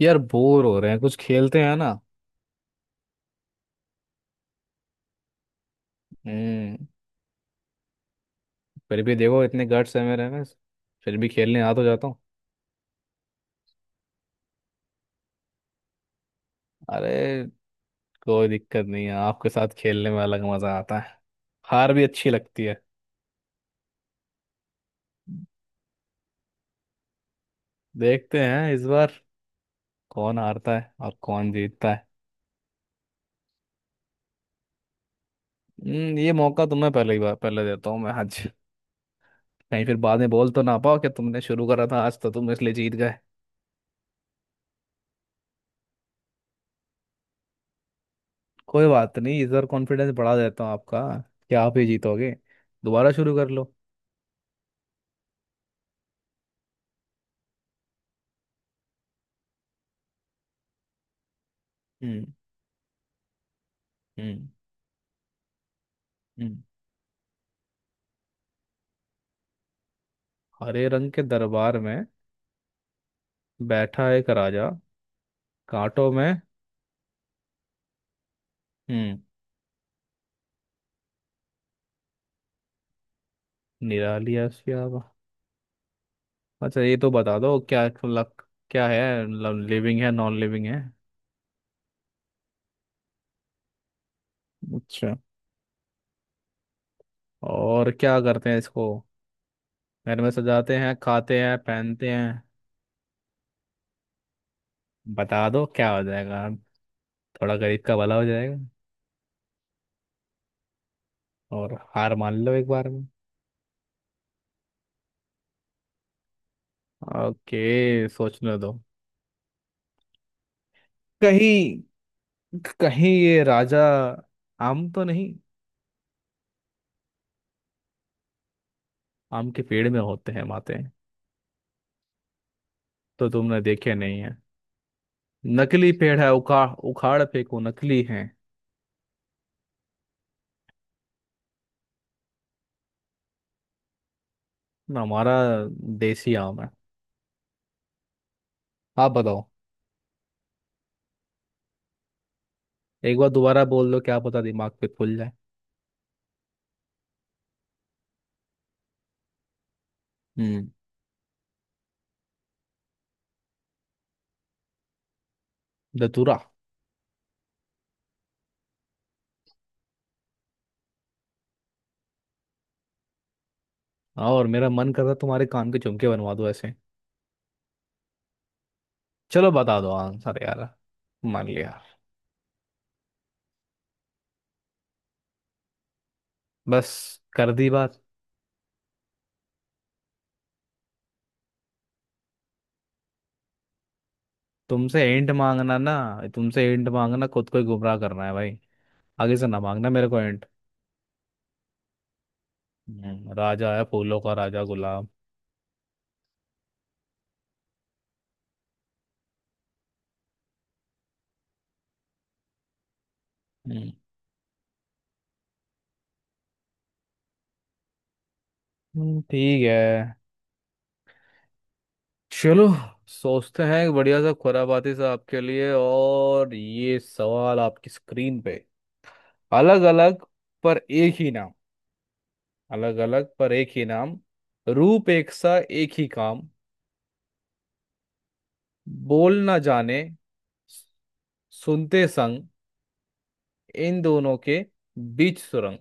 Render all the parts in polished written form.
यार बोर हो रहे हैं कुछ खेलते हैं ना। हम्म। फिर भी देखो इतने गट्स है मेरे में। फिर भी खेलने आ तो जाता हूँ। अरे कोई दिक्कत नहीं है, आपके साथ खेलने में अलग मजा आता है। हार भी अच्छी लगती है। देखते हैं इस बार कौन हारता है और कौन जीतता है। हम्म, ये मौका तुम्हें पहले ही बार पहले देता हूँ मैं आज। कहीं फिर बाद में बोल तो ना पाओ कि तुमने शुरू करा था आज, तो तुम इसलिए जीत गए। कोई बात नहीं, इस बार कॉन्फिडेंस बढ़ा देता हूँ आपका कि आप ही जीतोगे। दोबारा शुरू कर लो। हम्म। हम्म। हम्म। हरे रंग के दरबार में बैठा एक राजा, कांटों में। हम्म। निराली आशियावा। अच्छा, ये तो बता दो क्या लक क्या है। लिविंग है नॉन लिविंग है? अच्छा, और क्या करते हैं इसको? घर में सजाते हैं, खाते हैं, पहनते हैं? बता दो क्या हो जाएगा, थोड़ा गरीब का भला हो जाएगा। और हार मान लो एक बार में। ओके, सोचने दो। कहीं कहीं ये राजा आम तो नहीं? आम के पेड़ में होते हैं माते। तो तुमने देखे नहीं है? नकली पेड़ है, उखाड़ उखाड़ फेंको, नकली है। हमारा देसी आम है। आप बताओ। एक बार दोबारा बोल दो क्या पता दिमाग पे खुल जाए। हम्म। धतूरा। और मेरा मन कर रहा है तुम्हारे कान के झुमके बनवा दो ऐसे। चलो बता दो आंसर यार। मान लिया। बस, कर दी बात। तुमसे एंट मांगना ना, तुमसे एंट मांगना खुद को ही गुमराह करना है भाई। आगे से ना मांगना मेरे को एंट। राजा है फूलों का राजा गुलाब। हम्म। ठीक है। चलो, सोचते हैं एक बढ़िया सा खुराबाती सा आपके लिए। और ये सवाल आपकी स्क्रीन पे। अलग अलग पर एक ही नाम। अलग अलग पर एक ही नाम। रूप एक सा एक ही काम। बोल ना जाने, सुनते संग। इन दोनों के बीच सुरंग।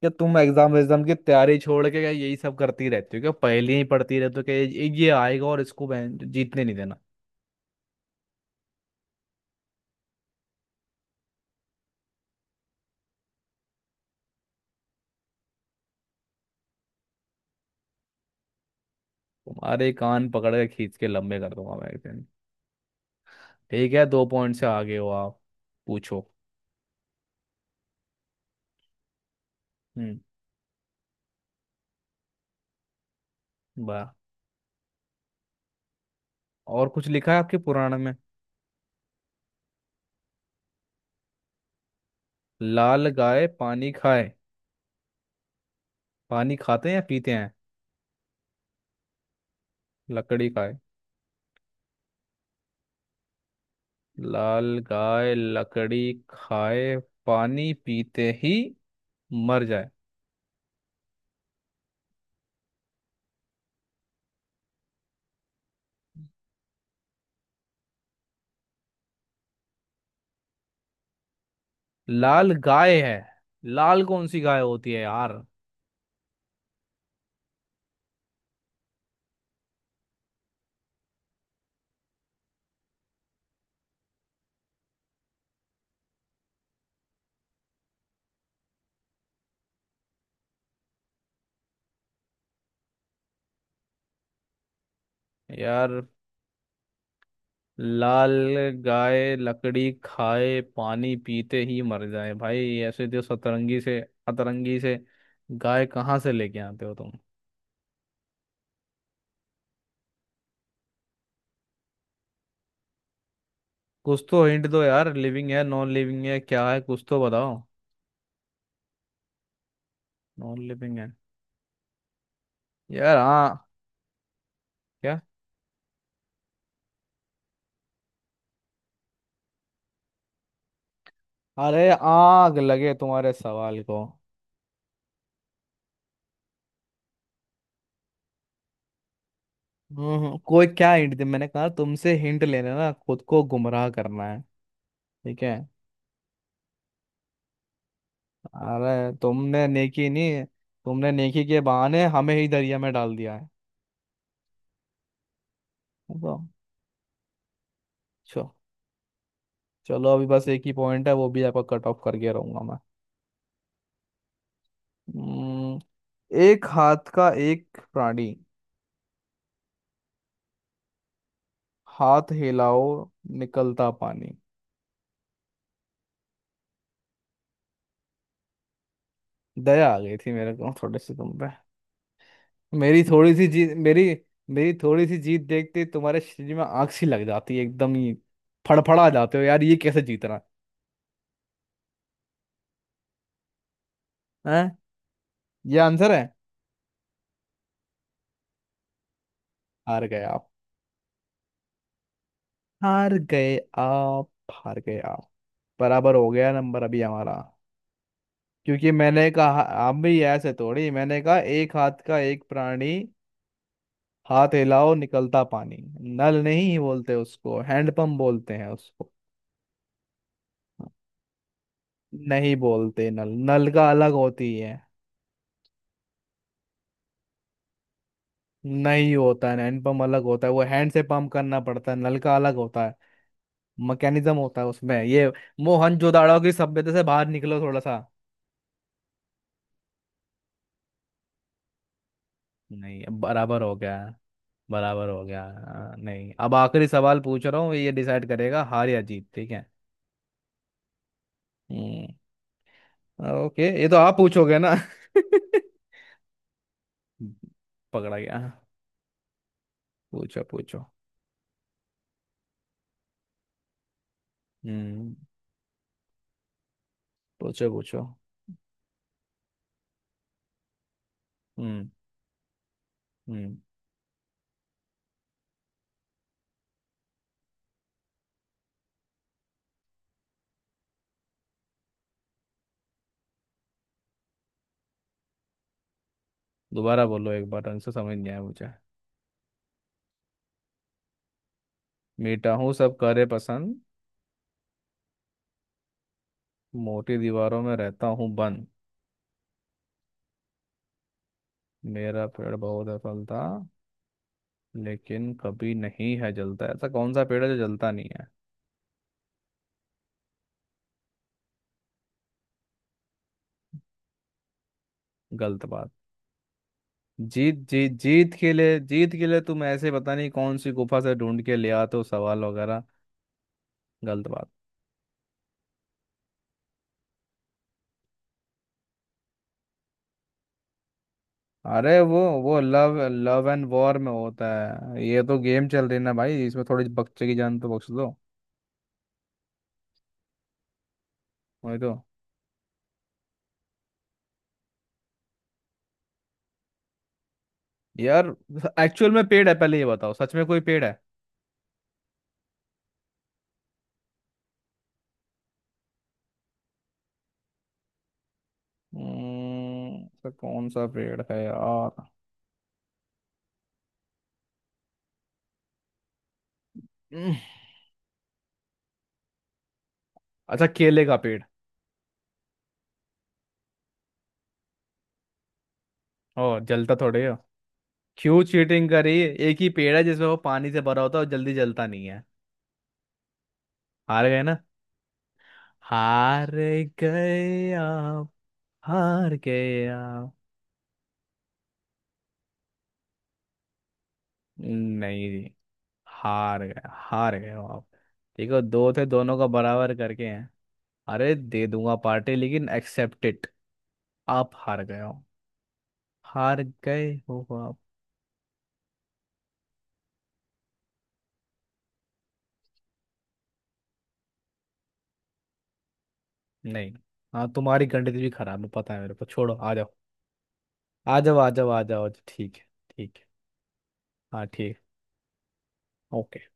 क्या तुम एग्जाम एग्जाम की तैयारी छोड़ के क्या यही सब करती रहती हो क्या? पहले ही पढ़ती रहती हो क्या ये आएगा और इसको बहन- जीतने नहीं देना। तुम्हारे कान पकड़ के खींच के लंबे कर दूंगा मैं एक दिन। ठीक है, दो पॉइंट से आगे हो आप। पूछो। हम्म। वाह। और कुछ लिखा है आपके पुराण में? लाल गाय पानी खाए। पानी खाते हैं या पीते हैं? लकड़ी खाए। लाल गाय लकड़ी खाए, पानी पीते ही मर जाए। लाल गाय है, लाल कौन सी गाय होती है यार? यार लाल गाय लकड़ी खाए पानी पीते ही मर जाए, भाई ऐसे तो सतरंगी से अतरंगी से गाय कहाँ से लेके आते हो तुम। कुछ तो हिंट दो यार, लिविंग है नॉन लिविंग है क्या है, कुछ तो बताओ। नॉन लिविंग है? यार हाँ। क्या? अरे आग लगे तुम्हारे सवाल को। हम्म, कोई क्या हिंट दे, मैंने कहा तुमसे हिंट लेना ना खुद को गुमराह करना है। ठीक है। अरे तुमने नेकी नहीं, तुमने नेकी के बहाने हमें ही दरिया में डाल दिया है। तो चलो, चलो अभी बस एक ही पॉइंट है वो भी आपका कट ऑफ करके रहूंगा मैं। हम्म, एक हाथ का एक प्राणी, हाथ हिलाओ निकलता पानी। दया आ गई थी मेरे को थोड़ी सी तुम पे। मेरी थोड़ी सी जीत मेरी। मेरी थोड़ी सी जीत देखते ही तुम्हारे शरीर में आग सी लग जाती है एकदम ही। फड़फड़ा जाते हो यार, ये कैसे जीतना है? हैं? ये आंसर है? हार गए आप, हार गए आप, हार गए आप। बराबर हो गया नंबर अभी हमारा। क्योंकि मैंने कहा आप भी ऐसे थोड़ी, मैंने कहा एक हाथ का एक प्राणी, हाथ हिलाओ निकलता पानी। नल नहीं बोलते उसको, हैंडपंप बोलते हैं उसको। नहीं बोलते नल नल का अलग होती है। नहीं होता है, हैंड पंप अलग होता है, वो हैंड से पंप करना पड़ता है, नल का अलग होता है। मैकेनिज्म होता है उसमें ये। मोहनजोदाड़ो की सभ्यता से बाहर निकलो थोड़ा सा। नहीं, अब बराबर हो गया है। बराबर हो गया है, हाँ, नहीं अब आखिरी सवाल पूछ रहा हूँ, ये डिसाइड करेगा हार या जीत, ठीक है। हम्म, ओके, ये तो आप पूछोगे ना। पकड़ा गया। पूछो पूछो। हम्म। पूछो पूछो। हम्म। हम्म। दोबारा बोलो एक बार ढंग से समझ नहीं आया मुझे। मीठा हूँ सब करे पसंद। मोटी दीवारों में रहता हूँ बंद। मेरा पेड़ बहुत है फलता। लेकिन कभी नहीं है जलता। ऐसा कौन सा पेड़ है जो जलता नहीं है? गलत बात। जीत जीत जीत के लिए तुम ऐसे पता नहीं कौन सी गुफा से ढूंढ के ले आते हो सवाल वगैरह। गलत बात। अरे वो लव लव एंड वॉर में होता है। ये तो गेम चल रही है ना भाई, इसमें थोड़ी बच्चे की जान तो बख्श दो। वही तो। यार एक्चुअल में पेड़ है, पहले ये बताओ, सच में कोई पेड़ है? तो कौन सा पेड़ है यार? हम्म। अच्छा, केले का पेड़। ओ, जलता थोड़े हो। क्यों चीटिंग करी? एक ही पेड़ है जिसमें वो पानी से भरा होता है और जल्दी जलता नहीं है। हार गए ना? हार गए आप, हार गए आप। नहीं जी, हार गए, हार गए हो आप। ठीक है, दो थे दोनों का बराबर करके हैं। अरे दे दूंगा पार्टी, लेकिन एक्सेप्ट इट, आप हार गए हो। हार गए हो आप। नहीं। हाँ तुम्हारी गणित भी खराब है, पता है मेरे को। छोड़ो, आ जाओ। आ जाओ ठीक है। ठीक है। हाँ ठीक। ओके।